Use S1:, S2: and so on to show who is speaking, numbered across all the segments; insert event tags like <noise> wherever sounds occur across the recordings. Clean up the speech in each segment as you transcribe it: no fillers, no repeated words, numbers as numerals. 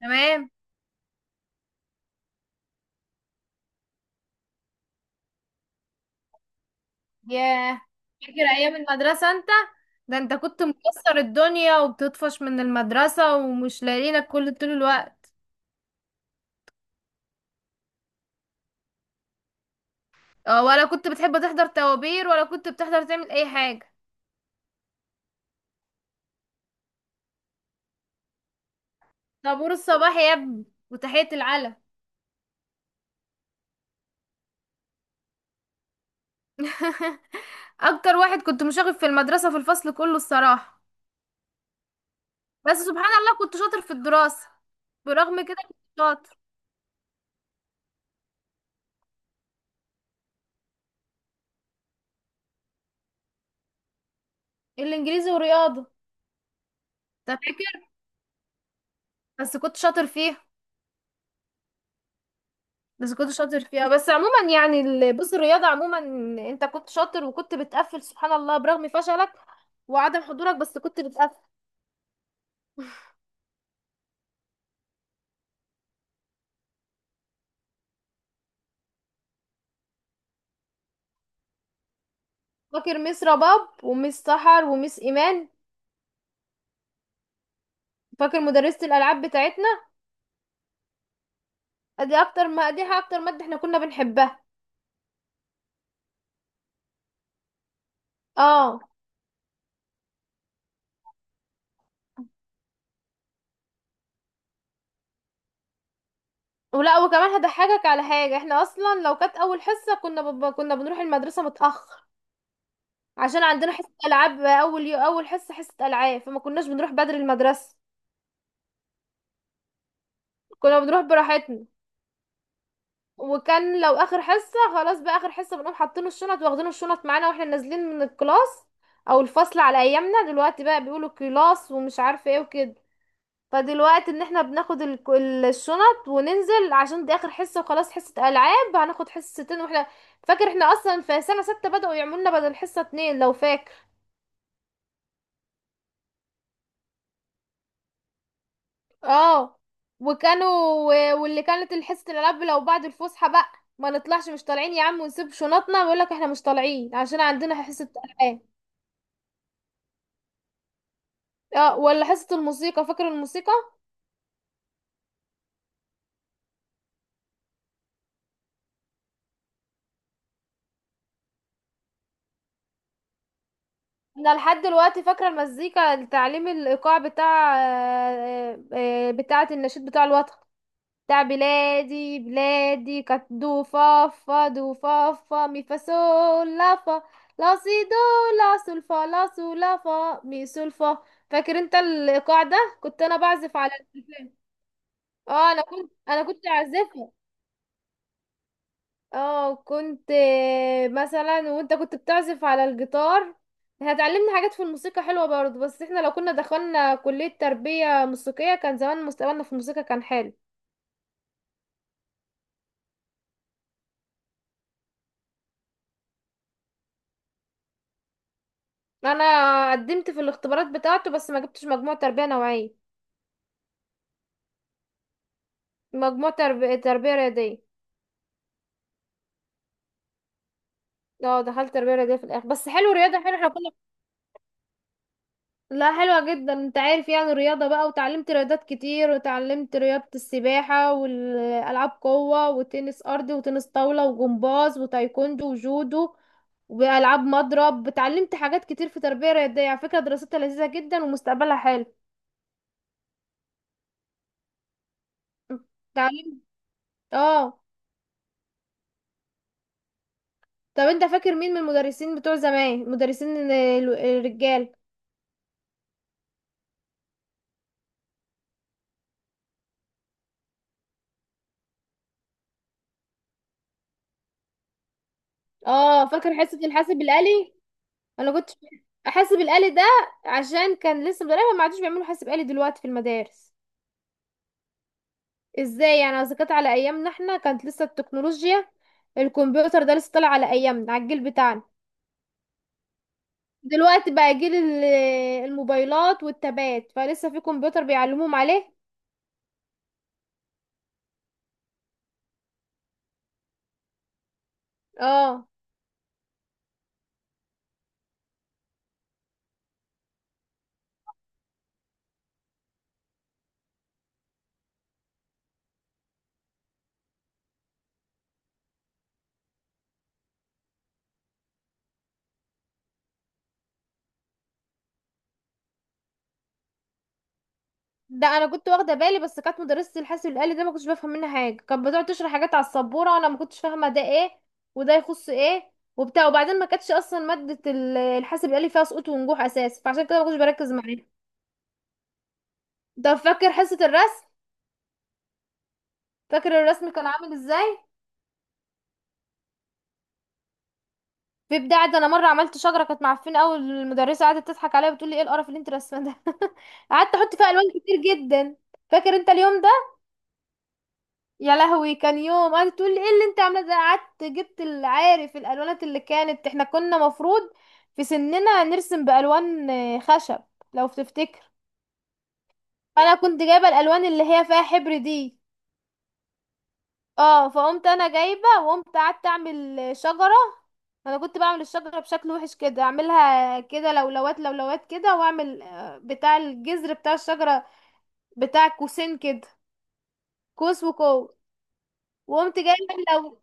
S1: تمام. ياه، فاكر ايام المدرسة انت؟ ده انت كنت مكسر الدنيا وبتطفش من المدرسة ومش لاقيينك كل طول الوقت. اه، ولا كنت بتحب تحضر طوابير ولا كنت بتحضر تعمل اي حاجة؟ طابور الصباح يا ابني وتحية العلم. <laughs> اكتر واحد كنت مشاغب في المدرسة في الفصل كله الصراحة. بس سبحان الله كنت شاطر في الدراسة، برغم كده كنت شاطر. الانجليزي ورياضة. انت فاكر؟ بس كنت شاطر فيها. بس كنت شاطر فيها، بس عموما يعني بص الرياضة عموما، انت كنت شاطر وكنت بتقفل سبحان الله برغم فشلك وعدم حضورك، بس كنت بتقفل. فاكر ميس رباب وميس سحر وميس ايمان؟ فاكر مدرسة الالعاب بتاعتنا؟ دي اكتر ما دي اكتر مادة احنا كنا بنحبها. اه، ولا وكمان هضحكك على حاجة، احنا اصلا لو كانت اول حصة كنا بنروح المدرسة متأخر، عشان عندنا حصة العاب اول حصة حصة العاب، فما كناش بنروح بدري المدرسة. كنا بنروح براحتنا. وكان لو اخر حصه خلاص، بقى اخر حصه بنقوم حاطين الشنط واخدين الشنط معانا واحنا نازلين من الكلاس او الفصل. على ايامنا دلوقتي بقى بيقولوا كلاس ومش عارفه ايه وكده. فدلوقتي ان احنا بناخد الشنط وننزل عشان دي اخر حصه وخلاص، حصه العاب هناخد حصتين واحنا. فاكر احنا اصلا في سنه سته بداوا يعملوا لنا بدل حصه اتنين لو فاكر؟ اه. وكانوا، واللي كانت الحصه الالعاب لو بعد الفسحه بقى، ما نطلعش، مش طالعين يا عم، ونسيب شنطنا ويقول لك احنا مش طالعين عشان عندنا حصه العاب. اه، ولا حصة الموسيقى، فاكر الموسيقى؟ انا لحد دلوقتي فاكرة المزيكا، تعليم الايقاع بتاع بتاعة النشيد بتاع الوطن، بتاع بلادي بلادي. كانت دو فا فا دو فا فا مي فا سول لا فا، لا سي دو، لا سول فا لا سول لا فا مي سول فا. فاكر انت الايقاع ده؟ كنت انا بعزف على التليفون. اه، انا كنت اعزفها. اه كنت. مثلا وانت كنت بتعزف على الجيتار، هتعلمنا حاجات في الموسيقى حلوة برضه. بس احنا لو كنا دخلنا كلية تربية موسيقية كان زمان مستقبلنا في الموسيقى كان حلو. انا قدمت في الاختبارات بتاعته بس ما جبتش مجموع تربية نوعية. مجموع تربية رياضية. اه دخلت تربية رياضية في الاخر، بس حلو رياضة حلو احنا كنا. لا حلوة جدا، انت عارف يعني الرياضة بقى، وتعلمت رياضات كتير وتعلمت رياضة السباحة والألعاب قوة وتنس أرضي وتنس طاولة وجمباز وتايكوندو وجودو وألعاب مضرب. اتعلمت حاجات كتير في تربية رياضية، على فكرة دراستها لذيذة جدا ومستقبلها حلو. اتعلمت. اه. طب انت فاكر مين من المدرسين بتوع زمان، المدرسين الرجال؟ اه، فاكر حصة الحاسب الآلي؟ انا كنت، حاسب الآلي ده، عشان كان لسه مدرسة. ما عادوش بيعملوا حاسب آلي دلوقتي في المدارس؟ ازاي يعني؟ اذا كانت على ايامنا احنا كانت لسه التكنولوجيا، الكمبيوتر ده لسه طالع على ايامنا على الجيل بتاعنا. دلوقتي بقى جيل الموبايلات والتابات، فلسه في كمبيوتر بيعلموهم عليه؟ اه. ده انا كنت واخده بالي بس كانت مدرسه الحاسب الآلي ده ما كنتش بفهم منها حاجه، كانت بتقعد تشرح حاجات على السبوره وانا ما كنتش فاهمه ده ايه وده يخص ايه وبتاع. وبعدين ما كانتش اصلا ماده الحاسب الآلي فيها سقوط ونجوح اساسا، فعشان كده ما كنتش بركز معاها. طب فاكر حصه الرسم؟ فاكر الرسم كان عامل ازاي؟ في ابداع. ده انا مره عملت شجره كانت معفنه قوي، المدرسه قعدت تضحك عليا وتقول لي ايه القرف اللي انت رسمه ده. <laughs> قعدت احط فيها الوان كتير جدا. فاكر انت اليوم ده؟ يا لهوي، كان يوم، قعدت تقول لي ايه اللي انت عامله ده. قعدت جبت، العارف الالوانات اللي كانت، احنا كنا مفروض في سننا نرسم بالوان خشب، لو تفتكر. انا كنت جايبه الالوان اللي هي فيها حبر دي. اه، فقمت انا جايبه وقمت قعدت اعمل شجره. انا كنت بعمل الشجره بشكل وحش كده، اعملها كده لولوات لولوات كده، واعمل بتاع الجذر بتاع الشجره، بتاع قوسين كده، قوس وقوس. وقمت جايبه لو،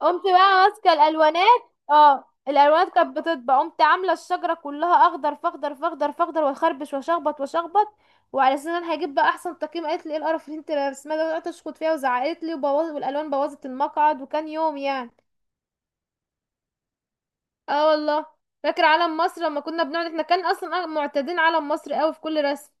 S1: قمت بقى ماسكه الالوانات. اه الالوانات كانت بتطبع، قمت عامله الشجره كلها اخضر فاخضر فاخضر فاخضر واخربش واشخبط واشخبط، وعلى اساس ان انا هجيب بقى احسن تقييم. قالت لي ايه القرف اللي انت رسمها ده، وقعدت اشخط فيها وزعقت لي وبوظت، والالوان بوظت المقعد، وكان يوم يعني. اه والله. فاكر علم مصر لما كنا بنقعد، احنا كان اصلا معتادين علم مصر قوي في كل رسم.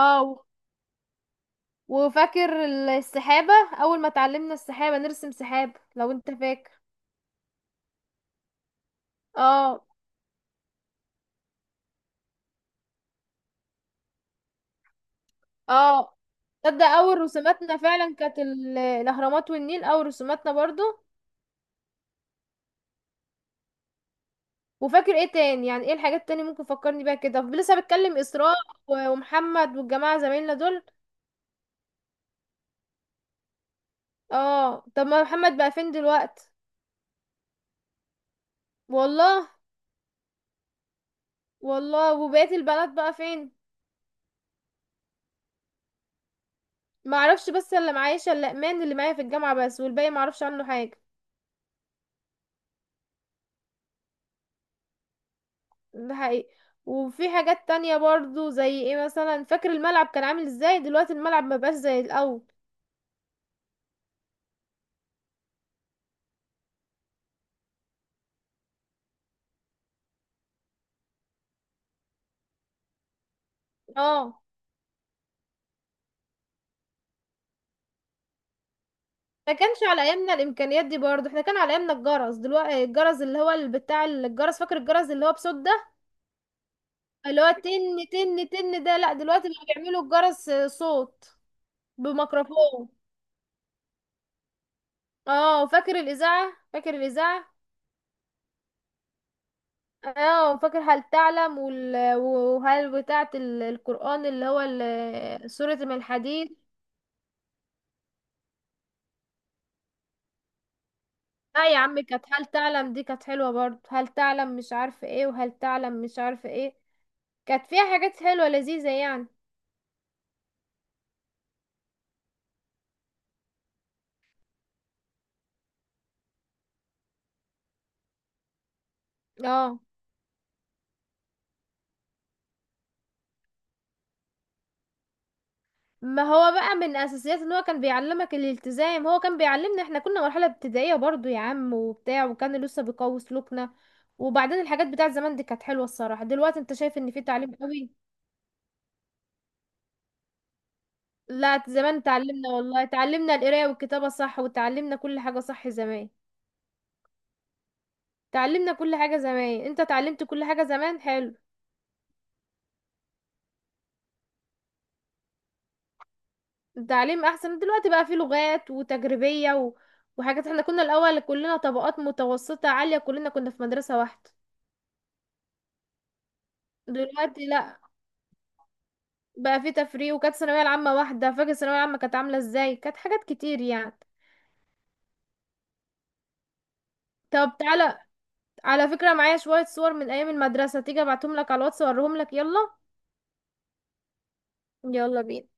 S1: اه، وفاكر السحابة، اول ما اتعلمنا السحابة نرسم سحاب لو انت فاكر؟ اه. اه، تصدق اول رسوماتنا فعلا كانت الاهرامات والنيل، اول رسوماتنا برضو. وفاكر ايه تاني؟ يعني ايه الحاجات التانية ممكن فكرني بيها كده، لسه بتكلم اسراء ومحمد والجماعة زمايلنا دول. اه طب ما محمد بقى فين دلوقتي؟ والله. والله، وبقية البنات بقى فين؟ ما اعرفش، بس اللي معايا شلقمان اللي معايا في الجامعة بس، والباقي ما اعرفش عنه حاجة. ده حقيقي. وفي حاجات تانية برضو زي ايه مثلا، فاكر الملعب كان عامل ازاي؟ دلوقتي الملعب ما بقاش زي الاول. اه، ما كانش على ايامنا الامكانيات دي برضو، احنا كان على ايامنا الجرس، دلوقتي الجرس اللي هو بتاع الجرس، فاكر الجرس اللي هو بصوت ده، اللي هو تن تن تن ده؟ لا دلوقتي بقى بيعملوا الجرس صوت بميكروفون. اه، فاكر الاذاعة؟ فاكر الاذاعة؟ اه، فاكر هل تعلم وهل بتاعة القرآن اللي هو سورة من الحديد؟ لا يا عم، كانت هل تعلم دي كانت حلوة برضه، هل تعلم مش عارفة ايه وهل تعلم مش عارفة ايه، كانت فيها حاجات حلوة لذيذة يعني. اه، ما هو بقى من اساسيات ان هو كان بيعلمك الالتزام، هو كان بيعلمنا، احنا كنا مرحلة ابتدائية برضو يا عم وبتاع، وكان لسه بيقوي سلوكنا. وبعدين الحاجات بتاعت زمان دي كانت حلوة الصراحة، دلوقتي انت شايف ان في تعليم قوي؟ لا زمان اتعلمنا، والله اتعلمنا القراية والكتابة صح، وتعلمنا كل حاجة صح زمان. تعلمنا كل حاجة زمان، انت اتعلمت كل حاجة زمان، حلو. التعليم احسن دلوقتي، بقى فيه لغات وتجريبية و... وحاجات، احنا كنا الاول كلنا طبقات متوسطة عالية كلنا كنا في مدرسة واحدة. دلوقتي لا، بقى فيه تفريق. وكانت الثانوية العامة واحدة، فاكر الثانوية العامة كانت عاملة ازاي؟ كانت حاجات كتير يعني. طب تعالى، على فكرة معايا شوية صور من ايام المدرسة، تيجي ابعتهم لك على الواتس اوريهم لك، يلا. يلا بينا.